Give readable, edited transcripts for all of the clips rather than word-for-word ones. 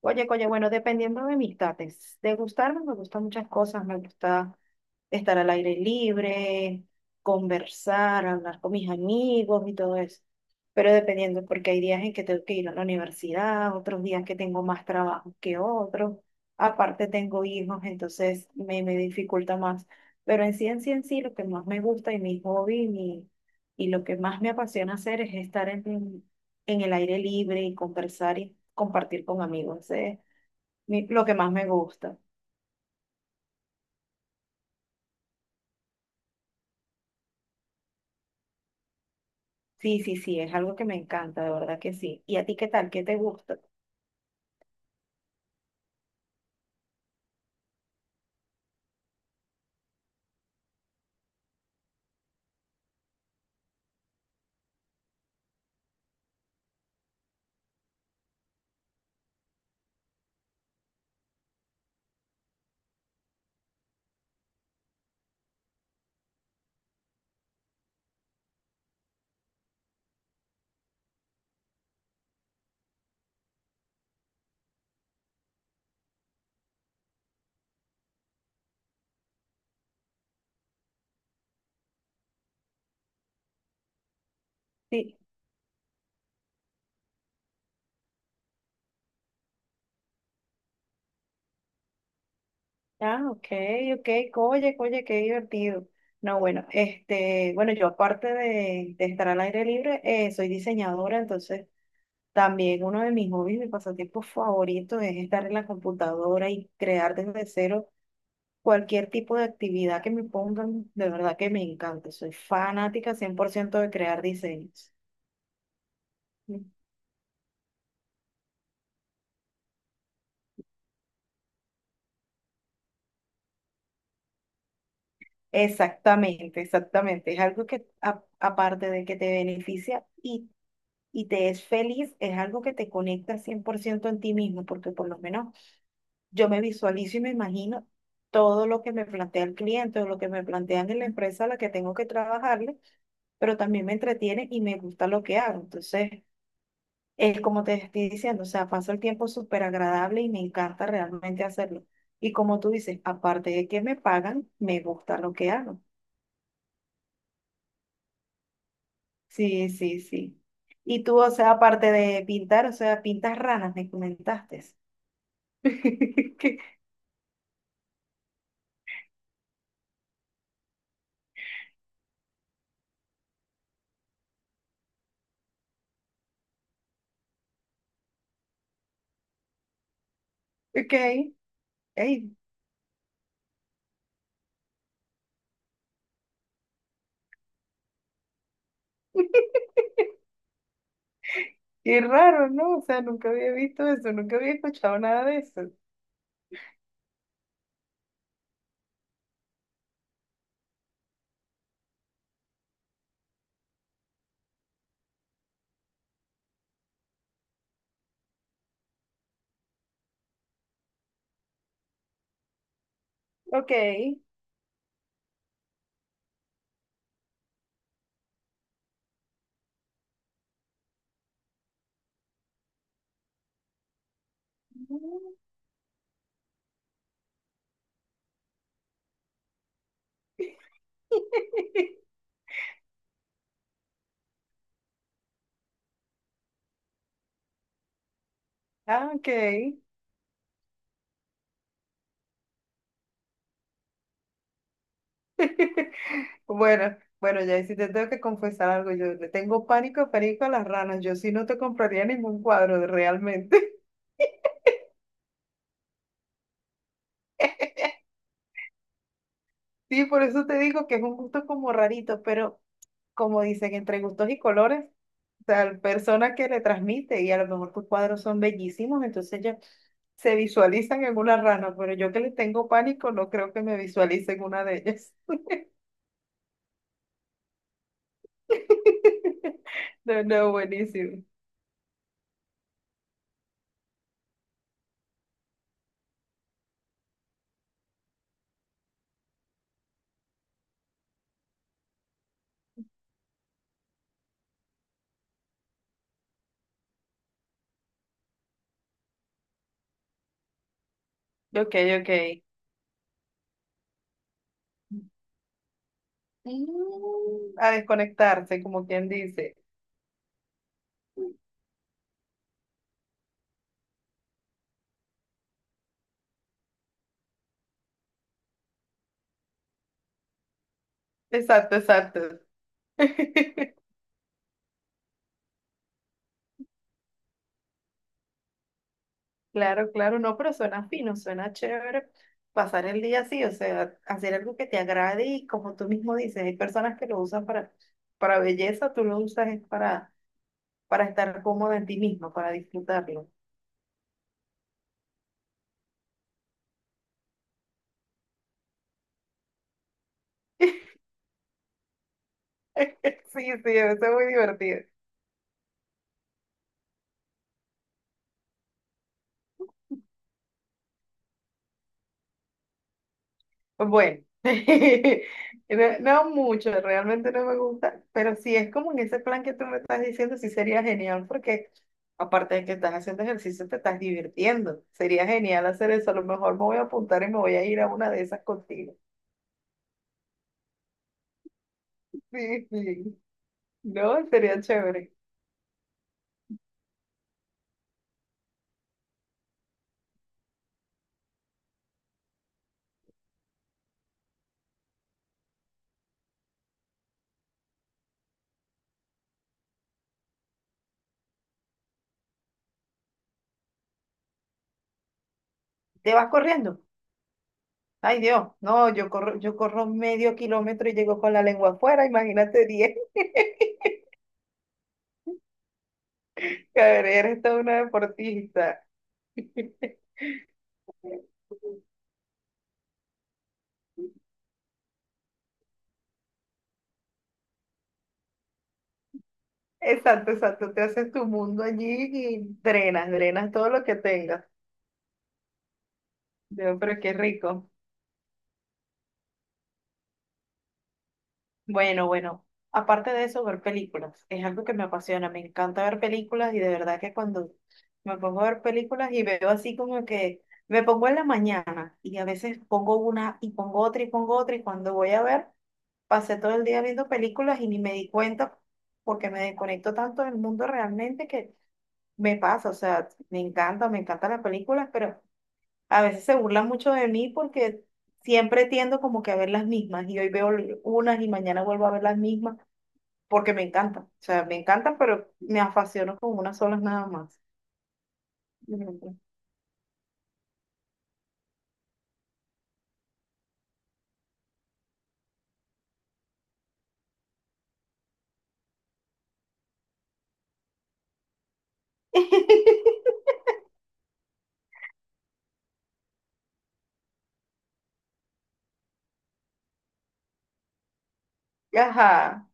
Oye, oye, bueno, dependiendo de mis tates, de gustarme me gustan muchas cosas, me gusta estar al aire libre, conversar, hablar con mis amigos y todo eso, pero dependiendo, porque hay días en que tengo que ir a la universidad, otros días que tengo más trabajo que otros, aparte tengo hijos, entonces me dificulta más, pero en sí, lo que más me gusta y mi hobby y lo que más me apasiona hacer es estar en el aire libre y conversar y compartir con amigos. ¿Eh? Lo que más me gusta. Sí, sí, sí, es algo que me encanta, de verdad que sí. ¿Y a ti qué tal? ¿Qué te gusta? Sí. Ah, ok, ok, oye, oye, qué divertido. No, bueno, este, bueno, yo aparte de estar al aire libre, soy diseñadora, entonces también uno de mis hobbies, mi pasatiempo favorito es estar en la computadora y crear desde cero cualquier tipo de actividad que me pongan, de verdad que me encanta. Soy fanática 100% de crear diseños. Exactamente, exactamente. Es algo que, aparte de que te beneficia y te es feliz, es algo que te conecta 100% en ti mismo, porque por lo menos yo me visualizo y me imagino todo lo que me plantea el cliente o lo que me plantean en la empresa a la que tengo que trabajarle, pero también me entretiene y me gusta lo que hago. Entonces, es como te estoy diciendo, o sea, paso el tiempo súper agradable y me encanta realmente hacerlo. Y como tú dices, aparte de que me pagan, me gusta lo que hago. Sí, sí, sí. Y tú, o sea, aparte de pintar, o sea, pintas ranas, me comentaste. ¿Qué? Ok, ey, qué raro, ¿no? O sea, nunca había visto eso, nunca había escuchado nada de eso. Ok. Ah, ok. Bueno, bueno, ya y si te tengo que confesar algo, yo le tengo pánico, pánico a las ranas, yo sí no te compraría ningún cuadro de- realmente. Sí, por eso te digo que es un gusto como rarito, pero como dicen, entre gustos y colores, o sea, la persona que le transmite, y a lo mejor tus cuadros son bellísimos, entonces ya se visualizan en una rana, pero yo que le tengo pánico, no creo que me visualice en una de ellas. No, no, buenísimo. Ok, ok. Mm, a desconectarse, como quien dice. Exacto, exacto. Claro, claro, no, pero suena fino, suena chévere pasar el día así, o sea, hacer algo que te agrade y como tú mismo dices, hay personas que lo usan para belleza, tú lo usas es para estar cómodo en ti mismo, para disfrutarlo. Sí, sí, eso es muy divertido. Bueno, no, no mucho, realmente no me gusta, pero si es como en ese plan que tú me estás diciendo, sí sería genial porque aparte de que estás haciendo ejercicio, te estás divirtiendo. Sería genial hacer eso. A lo mejor me voy a apuntar y me voy a ir a una de esas contigo. Sí, sí. No, sería chévere. ¿Te vas corriendo? Ay, Dios, no, yo corro medio kilómetro y llego con la lengua afuera, imagínate 10. Cabrera, eres toda una deportista. Exacto, exacto. Te haces tu mundo allí y drenas, drenas todo lo que tengas. Dios, pero qué rico. Bueno, bueno. Aparte de eso, ver películas. Es algo que me apasiona. Me encanta ver películas y de verdad que cuando me pongo a ver películas y veo así como que me pongo en la mañana y a veces pongo una y pongo otra y pongo otra y cuando voy a ver, pasé todo el día viendo películas y ni me di cuenta porque me desconecto tanto del mundo realmente que me pasa. O sea, me encanta, me encantan las películas, pero A veces se burlan mucho de mí porque siempre tiendo como que a ver las mismas y hoy veo unas y mañana vuelvo a ver las mismas porque me encantan. O sea, me encantan, pero me apasiono con unas solas nada más. Ujú. Ajá,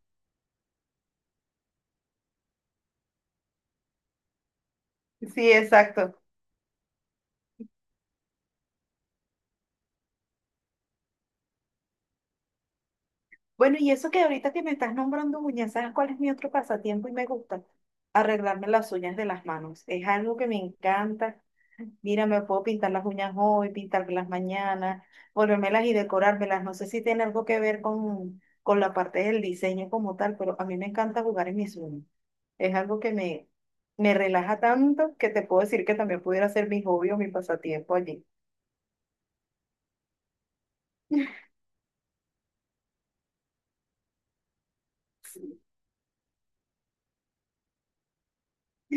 sí, exacto. Bueno, y eso que ahorita que me estás nombrando uñas, ¿sabes cuál es mi otro pasatiempo y me gusta? Arreglarme las uñas de las manos. Es algo que me encanta. Mira, me puedo pintar las uñas hoy, pintarlas mañana, volvérmelas y decorármelas. No sé si tiene algo que ver con la parte del diseño como tal, pero a mí me encanta jugar en mis uñas. Es algo que me relaja tanto que te puedo decir que también pudiera ser mi hobby o mi pasatiempo allí.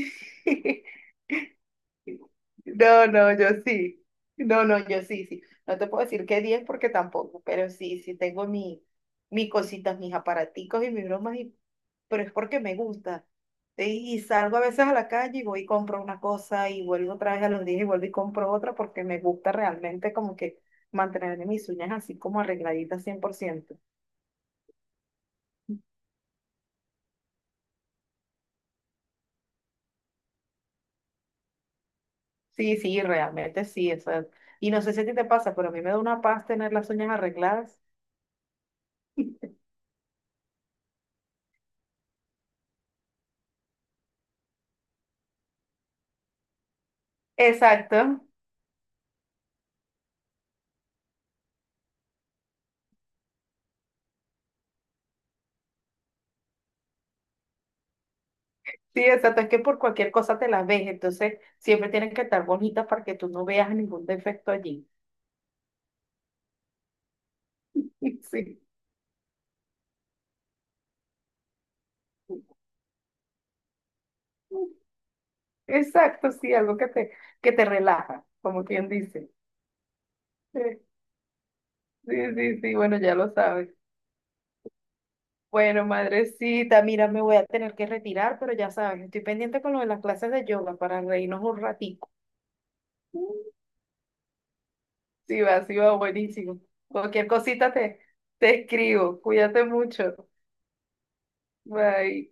No, no, yo sí. No, no, yo sí, sí. No te puedo decir que 10 porque tampoco, pero sí, sí tengo mis cositas, mis aparaticos y mis bromas, pero es porque me gusta. Y salgo a veces a la calle y voy y compro una cosa y vuelvo otra vez a los días y vuelvo y compro otra porque me gusta realmente como que mantener mis uñas así como arregladitas 100%. Sí, sí, realmente sí. Eso es. Y no sé si a ti te pasa, pero a mí me da una paz tener las uñas arregladas. Exacto. Sí, exacto, es que por cualquier cosa te las ves, entonces siempre tienen que estar bonitas para que tú no veas ningún defecto allí. Sí, exacto, sí, algo que te relaja, como quien dice. Eh, Sí, sí, sí, bueno, ya lo sabes. Bueno, madrecita, mira, me voy a tener que retirar, pero ya sabes, estoy pendiente con lo de las clases de yoga para reírnos un ratico. Sí, va, buenísimo. Cualquier cosita te escribo, cuídate mucho. Bye.